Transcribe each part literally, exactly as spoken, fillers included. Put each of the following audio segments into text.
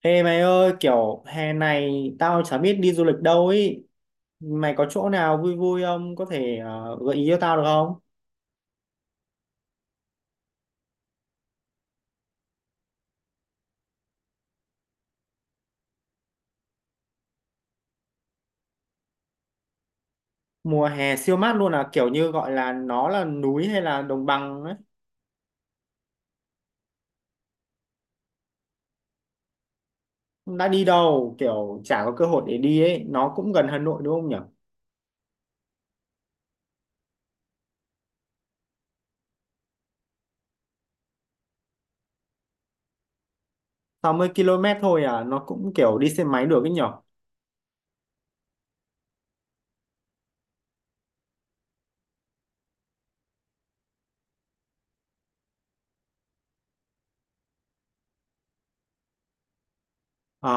Ê mày ơi, kiểu hè này tao chả biết đi du lịch đâu ấy. Mày có chỗ nào vui vui không? Có thể ờ, gợi ý cho tao được không? Mùa hè siêu mát luôn à, kiểu như gọi là nó là núi hay là đồng bằng ấy. Đã đi đâu, kiểu chả có cơ hội để đi ấy. Nó cũng gần Hà Nội đúng không nhỉ? sáu mươi ki lô mét thôi à, nó cũng kiểu đi xe máy được ấy nhỉ? À,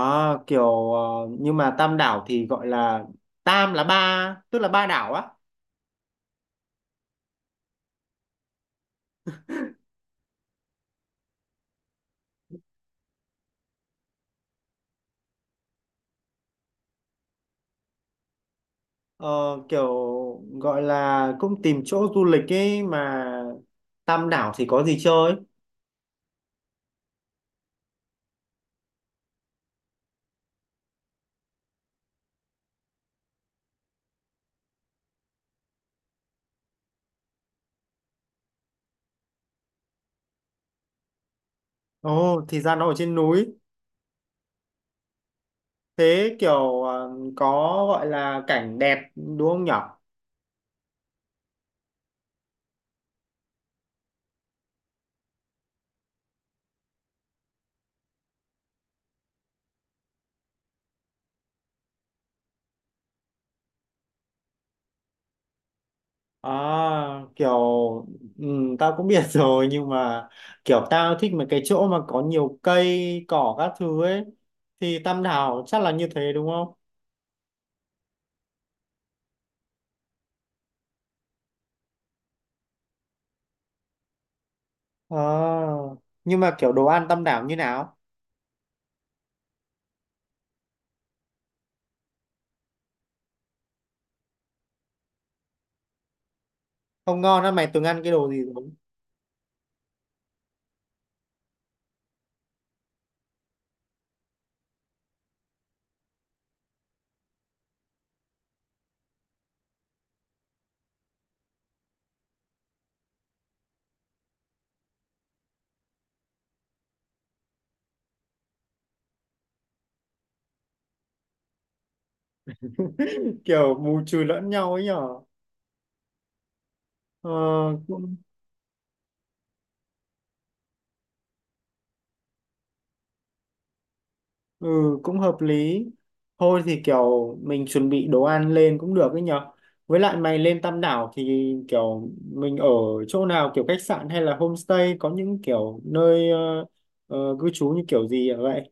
kiểu ờ, nhưng mà Tam Đảo thì gọi là Tam là ba, tức là ba đảo á. Ờ, kiểu gọi là cũng tìm chỗ du lịch ấy mà Tam đảo thì có gì chơi? Ồ, thì ra nó ở trên núi. Thế kiểu ờ, có gọi là cảnh đẹp đúng không nhở? À, kiểu ừ, tao cũng biết rồi nhưng mà kiểu tao thích mấy cái chỗ mà có nhiều cây cỏ các thứ ấy thì Tam đảo chắc là như thế đúng không? À nhưng mà kiểu đồ ăn Tam đảo như nào? Không ngon á, mày từng ăn cái đồ gì rồi? Kiểu bù trừ lẫn nhau ấy nhở. ờ, cũng ừ Cũng hợp lý. Thôi thì kiểu mình chuẩn bị đồ ăn lên cũng được ấy nhở, với lại mày lên Tam Đảo thì kiểu mình ở chỗ nào, kiểu khách sạn hay là homestay, có những kiểu nơi ờ, ờ, cư trú như kiểu gì vậy?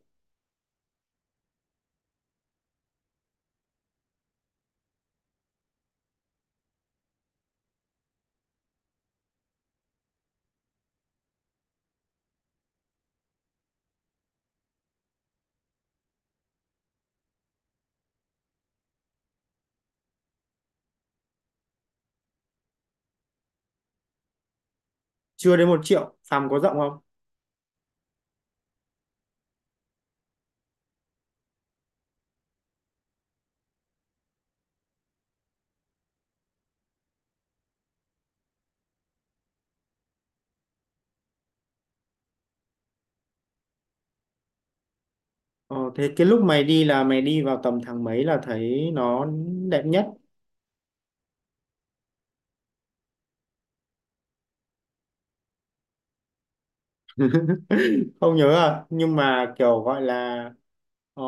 Chưa đến một triệu, phòng có rộng không? ờ, Thế cái lúc mày đi là mày đi vào tầm tháng mấy là thấy nó đẹp nhất? Không nhớ à? Nhưng mà kiểu gọi là ờ,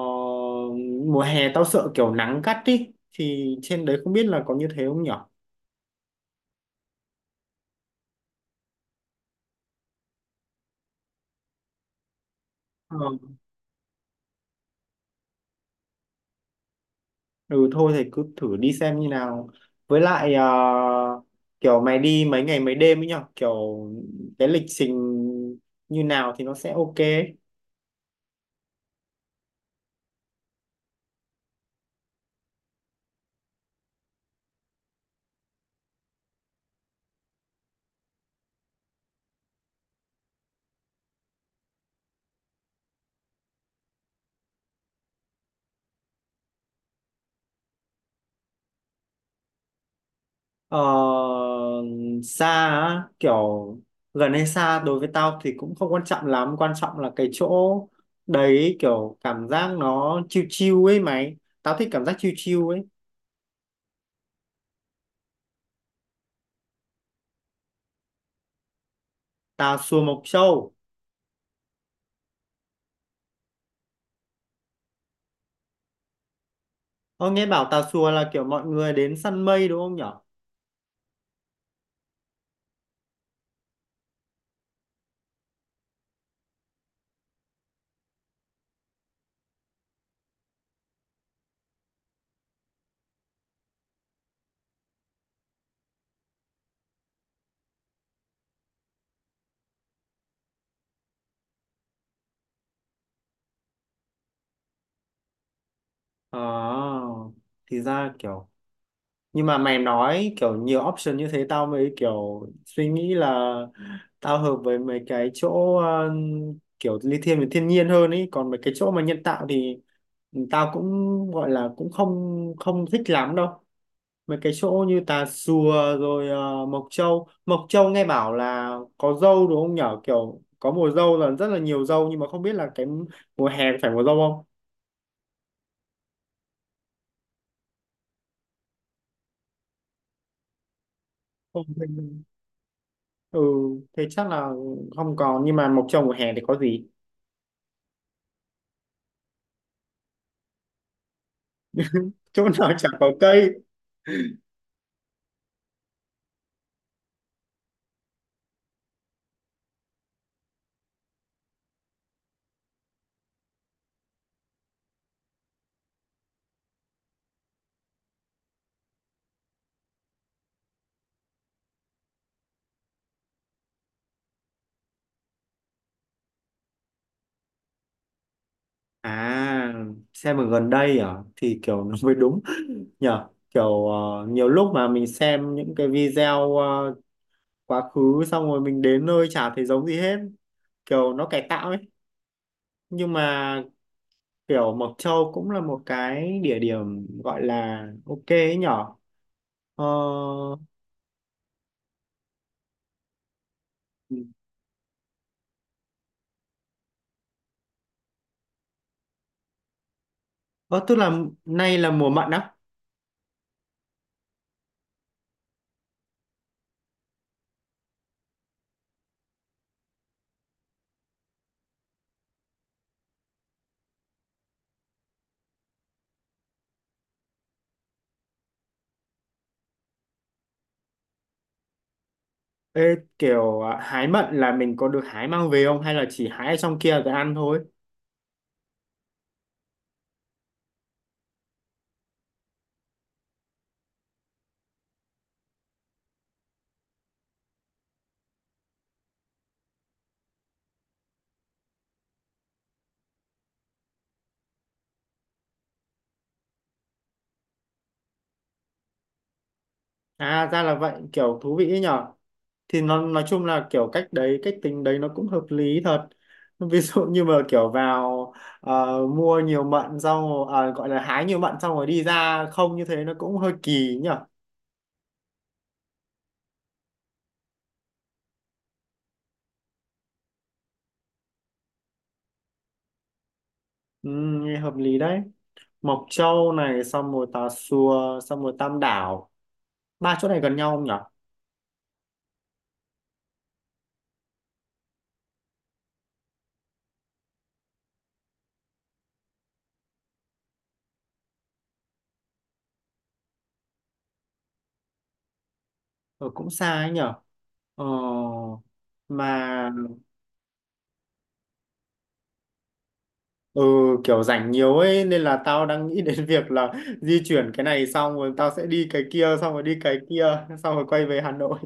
mùa hè tao sợ kiểu nắng gắt ý thì trên đấy không biết là có như thế không nhở. Ờ. Ừ thôi thì cứ thử đi xem như nào, với lại ờ, kiểu mày đi mấy ngày mấy đêm ấy nhở, kiểu cái lịch trình như nào thì nó sẽ ok. Ờ, Xa á, kiểu gần hay xa đối với tao thì cũng không quan trọng lắm, quan trọng là cái chỗ đấy kiểu cảm giác nó chill chill ấy mày, tao thích cảm giác chill chill ấy. Tà Xùa, Mộc Châu. Ơ nghe bảo Tà Xùa là kiểu mọi người đến săn mây đúng không nhở? Ờ thì ra kiểu, nhưng mà mày nói kiểu nhiều option như thế tao mới kiểu suy nghĩ là tao hợp với mấy cái chỗ ờ, kiểu lithium với thiên nhiên hơn ấy, còn mấy cái chỗ mà nhân tạo thì tao cũng gọi là cũng không không thích lắm đâu, mấy cái chỗ như Tà Xùa rồi ờ, Mộc Châu. Mộc Châu nghe bảo là có dâu đúng không nhở, kiểu có mùa dâu là rất là nhiều dâu, nhưng mà không biết là cái mùa hè phải mùa dâu không. Không, ừ thế chắc là không còn, nhưng mà Mộc Châu mùa hè thì có gì? Chỗ nào chẳng có cây. À xem ở gần đây à, thì kiểu nó mới đúng nhở, kiểu ờ, nhiều lúc mà mình xem những cái video ờ, quá khứ xong rồi mình đến nơi chả thấy giống gì hết, kiểu nó cải tạo ấy. Nhưng mà kiểu Mộc Châu cũng là một cái địa điểm gọi là ok ấy nhở. ờ, ờ Tức là nay là mùa mận á? Ê, kiểu à, hái mận là mình có được hái mang về không hay là chỉ hái ở trong kia rồi ăn thôi? À ra là vậy, kiểu thú vị ấy nhở, thì nó nói chung là kiểu cách đấy, cách tính đấy nó cũng hợp lý thật. Ví dụ như mà kiểu vào ờ, mua nhiều mận xong rồi- à, gọi là hái nhiều mận xong rồi đi ra không, như thế nó cũng hơi kỳ nhở. Ừ, nghe hợp lý đấy. Mộc Châu này xong rồi Tà Xùa xong rồi Tam Đảo, ba chỗ này gần nhau không nhở? Ừ, cũng xa ấy nhở. Ờ, mà Ừ, kiểu rảnh nhiều ấy nên là tao đang nghĩ đến việc là di chuyển cái này xong rồi tao sẽ đi cái kia xong rồi đi cái kia xong rồi quay về Hà Nội.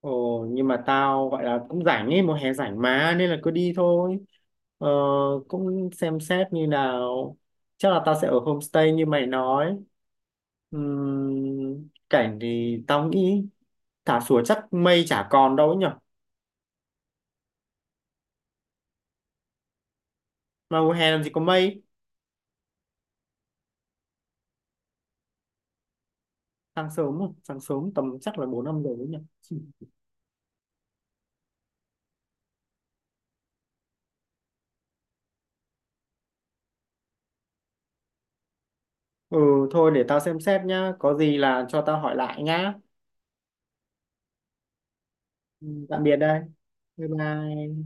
Ồ, nhưng mà tao gọi là cũng rảnh ấy, mùa hè rảnh mà nên là cứ đi thôi. Ờ, cũng xem xét như nào. Chắc là tao sẽ ở homestay như mày nói. Ừm, cảnh thì tao nghĩ thả sủa chắc mây chả còn đâu ấy nhở. Mà mùa hè làm gì có mây, sáng sớm, mà, sáng sớm tầm chắc là bốn năm giờ ấy nhở. Ừ thôi để tao xem xét nhá, có gì là cho tao hỏi lại nhá. Ừ, tạm biệt đây. Bye bye.